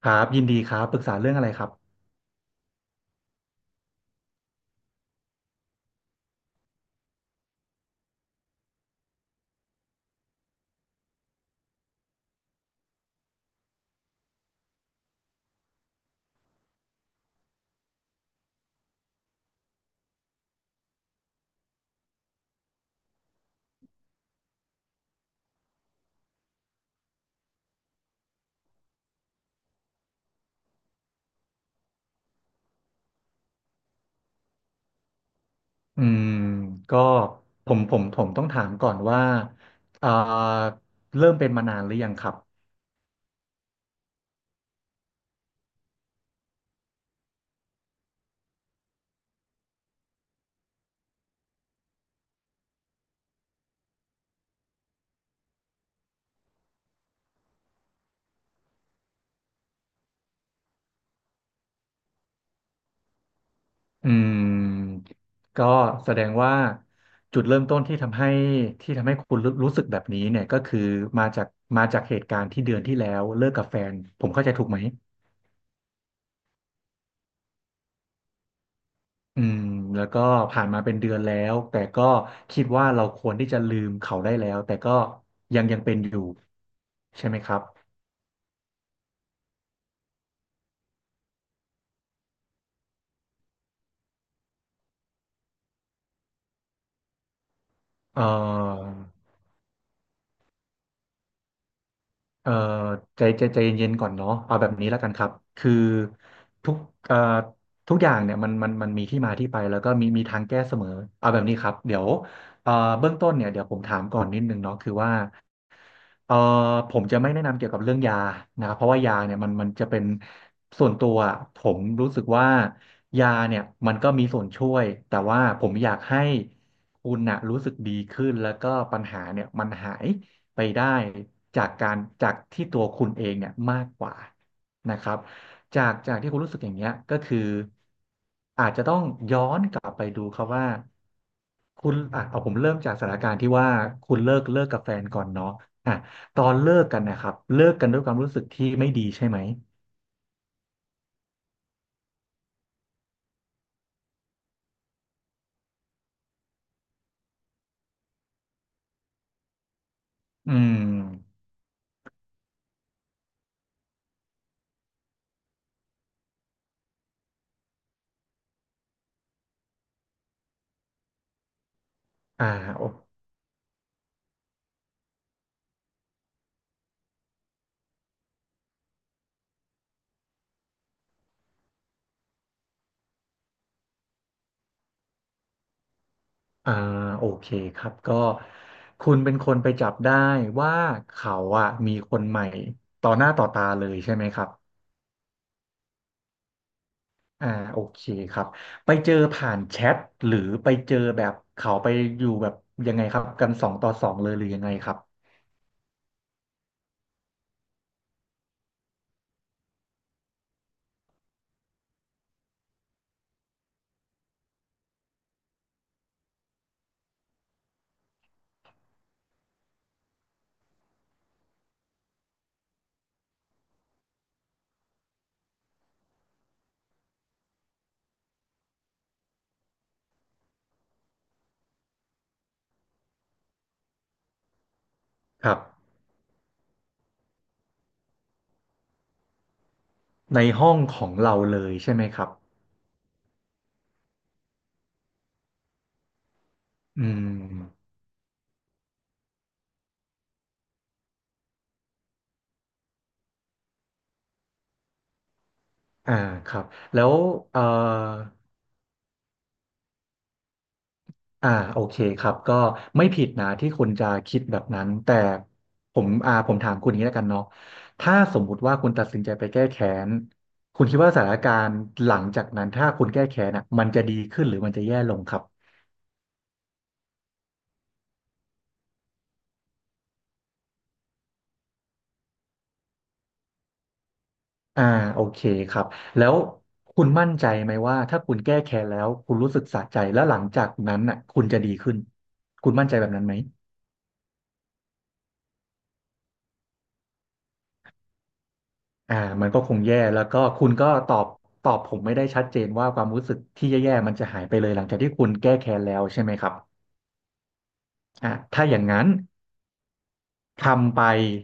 ครับยินดีครับปรึกษาเรื่องอะไรครับอืมก็ผมต้องถามก่อนว่าเอ่อเริ่มเป็นมานานหรือยังครับอืมก็แสดงว่าจุดเริ่มต้นที่ทำให้คุณรู้สึกแบบนี้เนี่ยก็คือมาจากเหตุการณ์ที่เดือนที่แล้วเลิกกับแฟนผมเข้าใจถูกไหมอืมแล้วก็ผ่านมาเป็นเดือนแล้วแต่ก็คิดว่าเราควรที่จะลืมเขาได้แล้วแต่ก็ยังเป็นอยู่ใช่ไหมครับเอ่อ เอ่อใจเย็นๆก่อนเนาะเอาแบบนี้แล้วกันครับคือทุกเอ่อทุกอย่างเนี่ยมันมีที่มาที่ไปแล้วก็มีทางแก้เสมอเอาแบบนี้ครับเดี๋ยวเอ่อเบื้องต้นเนี่ยเดี๋ยวผมถามก่อนนิดนึงเนาะคือว่า เอ่อผมจะไม่แนะนำเกี่ยวกับเรื่องยานะครับเพราะว่ายาเนี่ยมันจะเป็นส่วนตัวอะผมรู้สึกว่ายาเนี่ยมันก็มีส่วนช่วยแต่ว่าผมอยากให้คุณน่ะรู้สึกดีขึ้นแล้วก็ปัญหาเนี่ยมันหายไปได้จากที่ตัวคุณเองเนี่ยมากกว่านะครับจากที่คุณรู้สึกอย่างเงี้ยก็คืออาจจะต้องย้อนกลับไปดูครับว่า คุณอ่ะเอาผมเริ่มจากสถานการณ์ที่ว่าคุณเลิกกับแฟนก่อนเนาะอ่ะตอนเลิกกันนะครับเลิกกันด้วยความรู้สึกที่ไม่ดีใช่ไหมอืมอ่าโออ่าโอเคครับก็คุณเป็นคนไปจับได้ว่าเขาอ่ะมีคนใหม่ต่อหน้าต่อตาเลยใช่ไหมครับอ่าโอเคครับไปเจอผ่านแชทหรือไปเจอแบบเขาไปอยู่แบบยังไงครับกันสองต่อสองเลยหรือยังไงครับครับในห้องของเราเลยใช่ไหมครับ อืมอ่าครับ แล้วเอ่ออ่าโอเคครับก็ไม่ผิดนะที่คุณจะคิดแบบนั้นแต่ผมถามคุณอย่างนี้แล้วกันเนาะถ้าสมมุติว่าคุณตัดสินใจไปแก้แค้นคุณคิดว่าสถานการณ์หลังจากนั้นถ้าคุณแก้แค้นอ่ะมันจะดีขึ้นหรือมันจะแย่ลงครับอ่าโอเคครับแล้วคุณมั่นใจไหมว่าถ้าคุณแก้แค้นแล้วคุณรู้สึกสะใจแล้วหลังจากนั้นน่ะคุณจะดีขึ้นคุณมั่นใจแบบนั้นไหม อ่ามันก็คงแย่แล้วก็คุณก็ตอบผมไม่ได้ชัดเจนว่าความรู้สึกที่แย่ๆมันจะหายไปเลยหลังจากที่คุณแก้แค้นแล้วใช่ไหมครับอ่าถ้าอย่างนั้นทำไป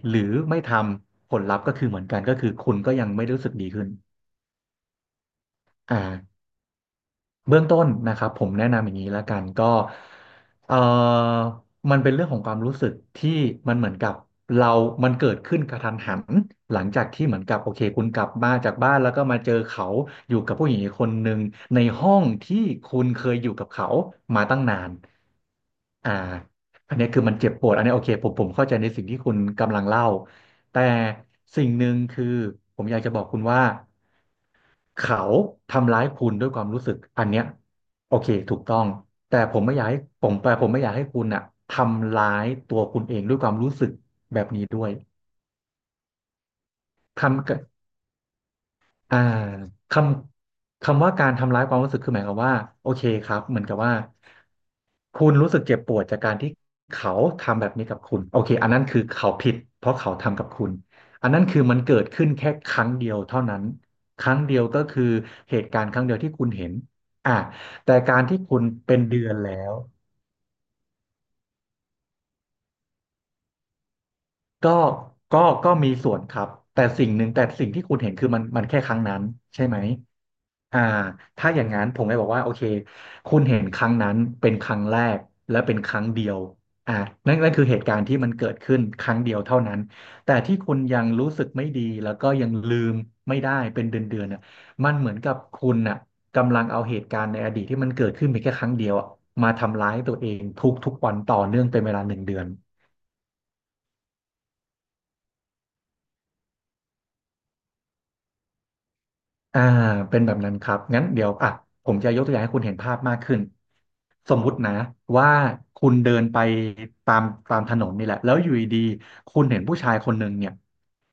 หรือไม่ทำผลลัพธ์ก็คือเหมือนกันก็คือคุณก็ยังไม่รู้สึกดีขึ้นอ่า เบื้องต้นนะครับผมแนะนำอย่างนี้ละกันก็เอ่อมันเป็นเรื่องของความรู้สึกที่มันเหมือนกับเรามันเกิดขึ้นกระทันหันหลังจากที่เหมือนกับโอเคคุณกลับมาจากบ้านแล้วก็มาเจอเขาอยู่กับผู้หญิงอีกคนหนึ่งในห้องที่คุณเคยอยู่กับเขามาตั้งนานอ่าอันนี้คือมันเจ็บปวดอันนี้โอเคผมเข้าใจในสิ่งที่คุณกำลังเล่าแต่สิ่งหนึ่งคือผมอยากจะบอกคุณว่า เขาทำร้ายคุณด้วยความรู้สึกอันเนี้ยโอเคถูกต้องแต่ผมไม่อยากให้คุณอ่ะทำร้ายตัวคุณเองด้วยความรู้สึกแบบนี้ด้วยคำกับอ่าคคำว่าการทำร้ายความรู้สึกคือหมายความว่าโอเคครับเหมือนกับว่า คุณรู้สึกเจ็บปวดจากการที่เขาทำแบบนี้กับคุณโอเคอันนั้นคือเขาผิดเพราะเขาทำกับคุณอันนั้นคือมันเกิดขึ้นแค่ครั้งเดียวเท่านั้นครั้งเดียวก็คือเหตุการณ์ครั้งเดียวที่คุณเห็นอ่ะแต่การที่คุณเป็นเดือนแล้ว ก็ก็ก็มีส่วนครับ แต่สิ่งหนึ่งแต่สิ่งที่คุณเห็นคือมันแค่ครั้งนั้นใช่ไหมอ่าถ้าอย่างนั้นผมเลยบอกว่าโอเคคุณเห็นครั้งนั้นเป็นครั้งแรกและเป็นครั้งเดียวอ่านั่นคือเหตุการณ์ที่มันเกิดขึ้นครั้งเดียวเท่านั้นแต่ที่คุณยังรู้สึกไม่ดีแล้วก็ยังลืมไม่ได้เป็นเดือนน่ะมันเหมือนกับคุณน่ะกำลังเอาเหตุการณ์ในอดีตที่มันเกิดขึ้นเพียงแค่ครั้งเดียวอะมาทำร้ายตัวเองทุกวันต่อเนื่องเป็นเวลาหนึ่งเดือน อ่าเป็นแบบนั้นครับงั้นเดี๋ยวอ่ะผมจะยกตัวอย่างให้คุณเห็นภาพมากขึ้นสมมุตินะว่าคุณเดินไปตามตามถนนนี่แหละแล้วอยู่ดีๆคุณเห็นผู้ชายคนหนึ่งเนี่ย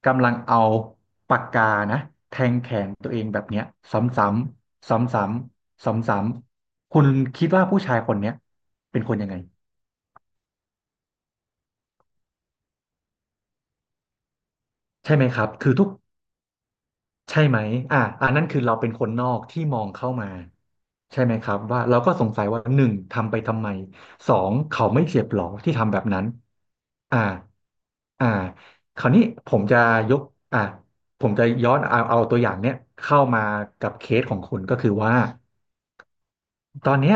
กำลังเอาปากกานะแทงแขนตัวเองแบบเนี้ยซ้ำๆซ้ำๆซ้ำๆคุณคิดว่าผู้ชายคนเนี้ยเป็นคนยังไงใช่ไหมครับคือทุก ใช่ไหมอ่าอันนั้นคือเราเป็นคนนอกที่มองเข้ามาใช่ไหมครับว่าเราก็สงสัยว่าหนึ่งทำไปทำไมสองเขาไม่เจ็บหรอที่ทำแบบนั้นอ่าอ่าคราวนี้ผมจะยกอ่าผมจะย้อนเอาตัวอย่างเนี้ยเข้ามากับเคสของคุณก็คือว่า ตอนเนี้ย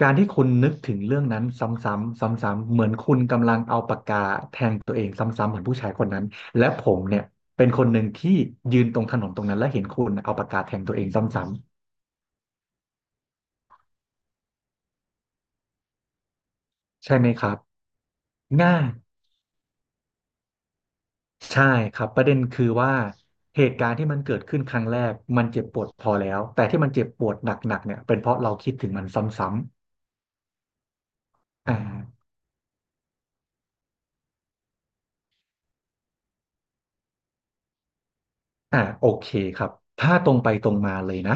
การที่คุณนึกถึงเรื่องนั้นซ้ำๆซ้ำๆเหมือนคุณกำลังเอาปากกาแทงตัวเองซ้ำๆเหมือนผู้ชายคนนั้นและผมเนี่ยเป็นคนหนึ่งที่ยืนตรงถนนตรงนั้นและเห็นคุณเอาปากกาแทงตัวเองซ้ำๆใช่ไหมครับง่ายใช่ครับประเด็นคือว่าเหตุการณ์ที่มันเกิดขึ้นครั้งแรกมันเจ็บปวดพอแล้วแต่ที่มันเจ็บปวดหนักๆเนี่ยเป็นเพราะเราคิดถึงมันซ้ำๆโอเคครับถ้าตรงไปตรงมาเลยนะ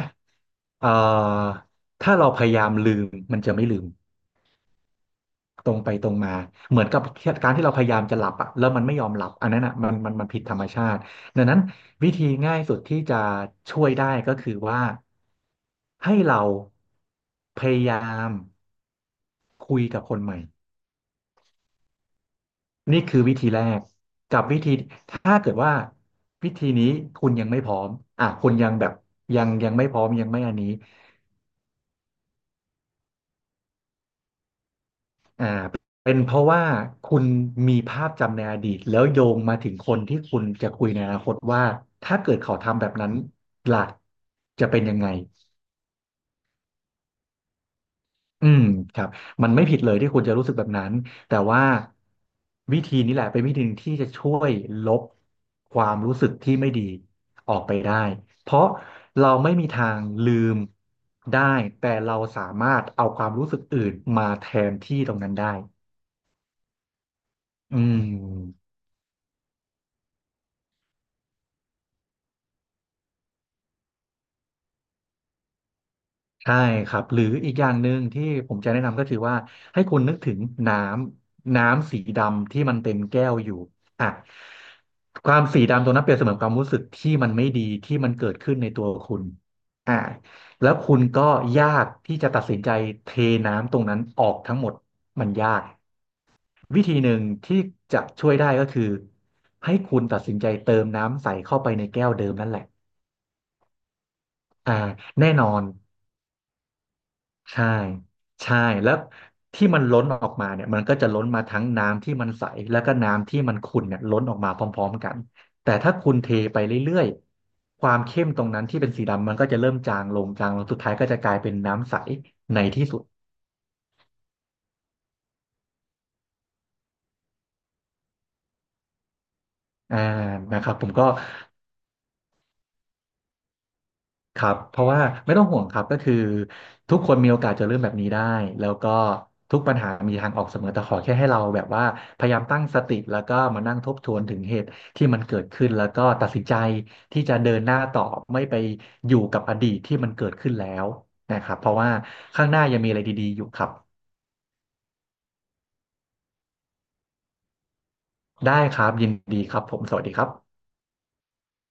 เอ่อถ้าเราพยายามลืมมันจะไม่ลืมตรงไปตรงมาเหมือนกับการที่เราพยายามจะหลับอะแล้วมันไม่ยอมหลับอันนั้นอะมันผิดธรรมชาติดังนั้นวิธีง่ายสุดที่จะช่วยได้ก็คือว่าให้เราพยายามคุยกับคนใหม่นี่คือวิธีแรกกับวิธีถ้าเกิดว่าวิธีนี้คุณยังไม่พร้อมอ่ะคุณยังแบบยังไม่พร้อมยังไม่อันนี้ อ่าเป็นเพราะว่าคุณมีภาพจำในอดีตแล้วโยงมาถึงคนที่คุณจะคุยในอนาคตว่าถ้าเกิดเขาทำแบบนั้นล่ะจะเป็นยังไงอืมครับมันไม่ผิดเลยที่คุณจะรู้สึกแบบนั้นแต่ว่าวิธีนี้แหละเป็นวิธีหนึ่งที่จะช่วยลบความรู้สึกที่ไม่ดีออกไปได้เพราะเราไม่มีทางลืมได้แต่เราสามารถเอาความรู้สึกอื่นมาแทนที่ตรงนั้นได้อืม ใช่ครับหรืออีกอย่างหนึ่งที่ผมจะแนะนำก็คือว่าให้คุณนึกถึงน้น้ำสีดำที่มันเต็มแก้วอยู่อ่ะความสีดำตรงนั้นเปรียบเสมือนความรู้สึกที่มันไม่ดีที่มันเกิดขึ้นในตัวคุณอ่ะแล้วคุณก็ยากที่จะตัดสินใจเทน้ำตรงนั้นออกทั้งหมดมันยากวิธีหนึ่งที่จะช่วยได้ก็คือให้คุณตัดสินใจเติมน้ำใสเข้าไปในแก้วเดิมนั่นแหละอ่าแน่นอน ใช่ใช่ แล้วที่มันล้นออกมาเนี่ยมันก็จะล้นมาทั้งน้ำที่มันใส แล้วก็น้ำที่มันขุ่นเนี่ยล้นออกมาพร้อมๆกันแต่ถ้าคุณเทไปเรื่อยๆความเข้มตรงนั้นที่เป็นสีดำมันก็จะเริ่มจางลงจางลงสุดท้ายก็จะกลายเป็นน้ำใสในที่สุดอ่านะครับผมก็ ครับเพราะว่าไม่ต้องห่วงครับก็คือทุกคนมีโอกาสจะเริ่มแบบนี้ได้แล้วก็ทุกปัญหามีทางออกเสมอแต่ขอแค่ให้เราแบบว่าพยายามตั้งสติแล้วก็มานั่งทบทวนถึงเหตุที่มันเกิดขึ้นแล้วก็ตัดสินใจที่จะเดินหน้าต่อไม่ไปอยู่กับอดีตที่มันเกิดขึ้นแล้วนะครับเพราะว่าข้างหน้ายังมีอะไรดีๆอยู่ครับได้ครับยินดีครับผมสวัสดีครับ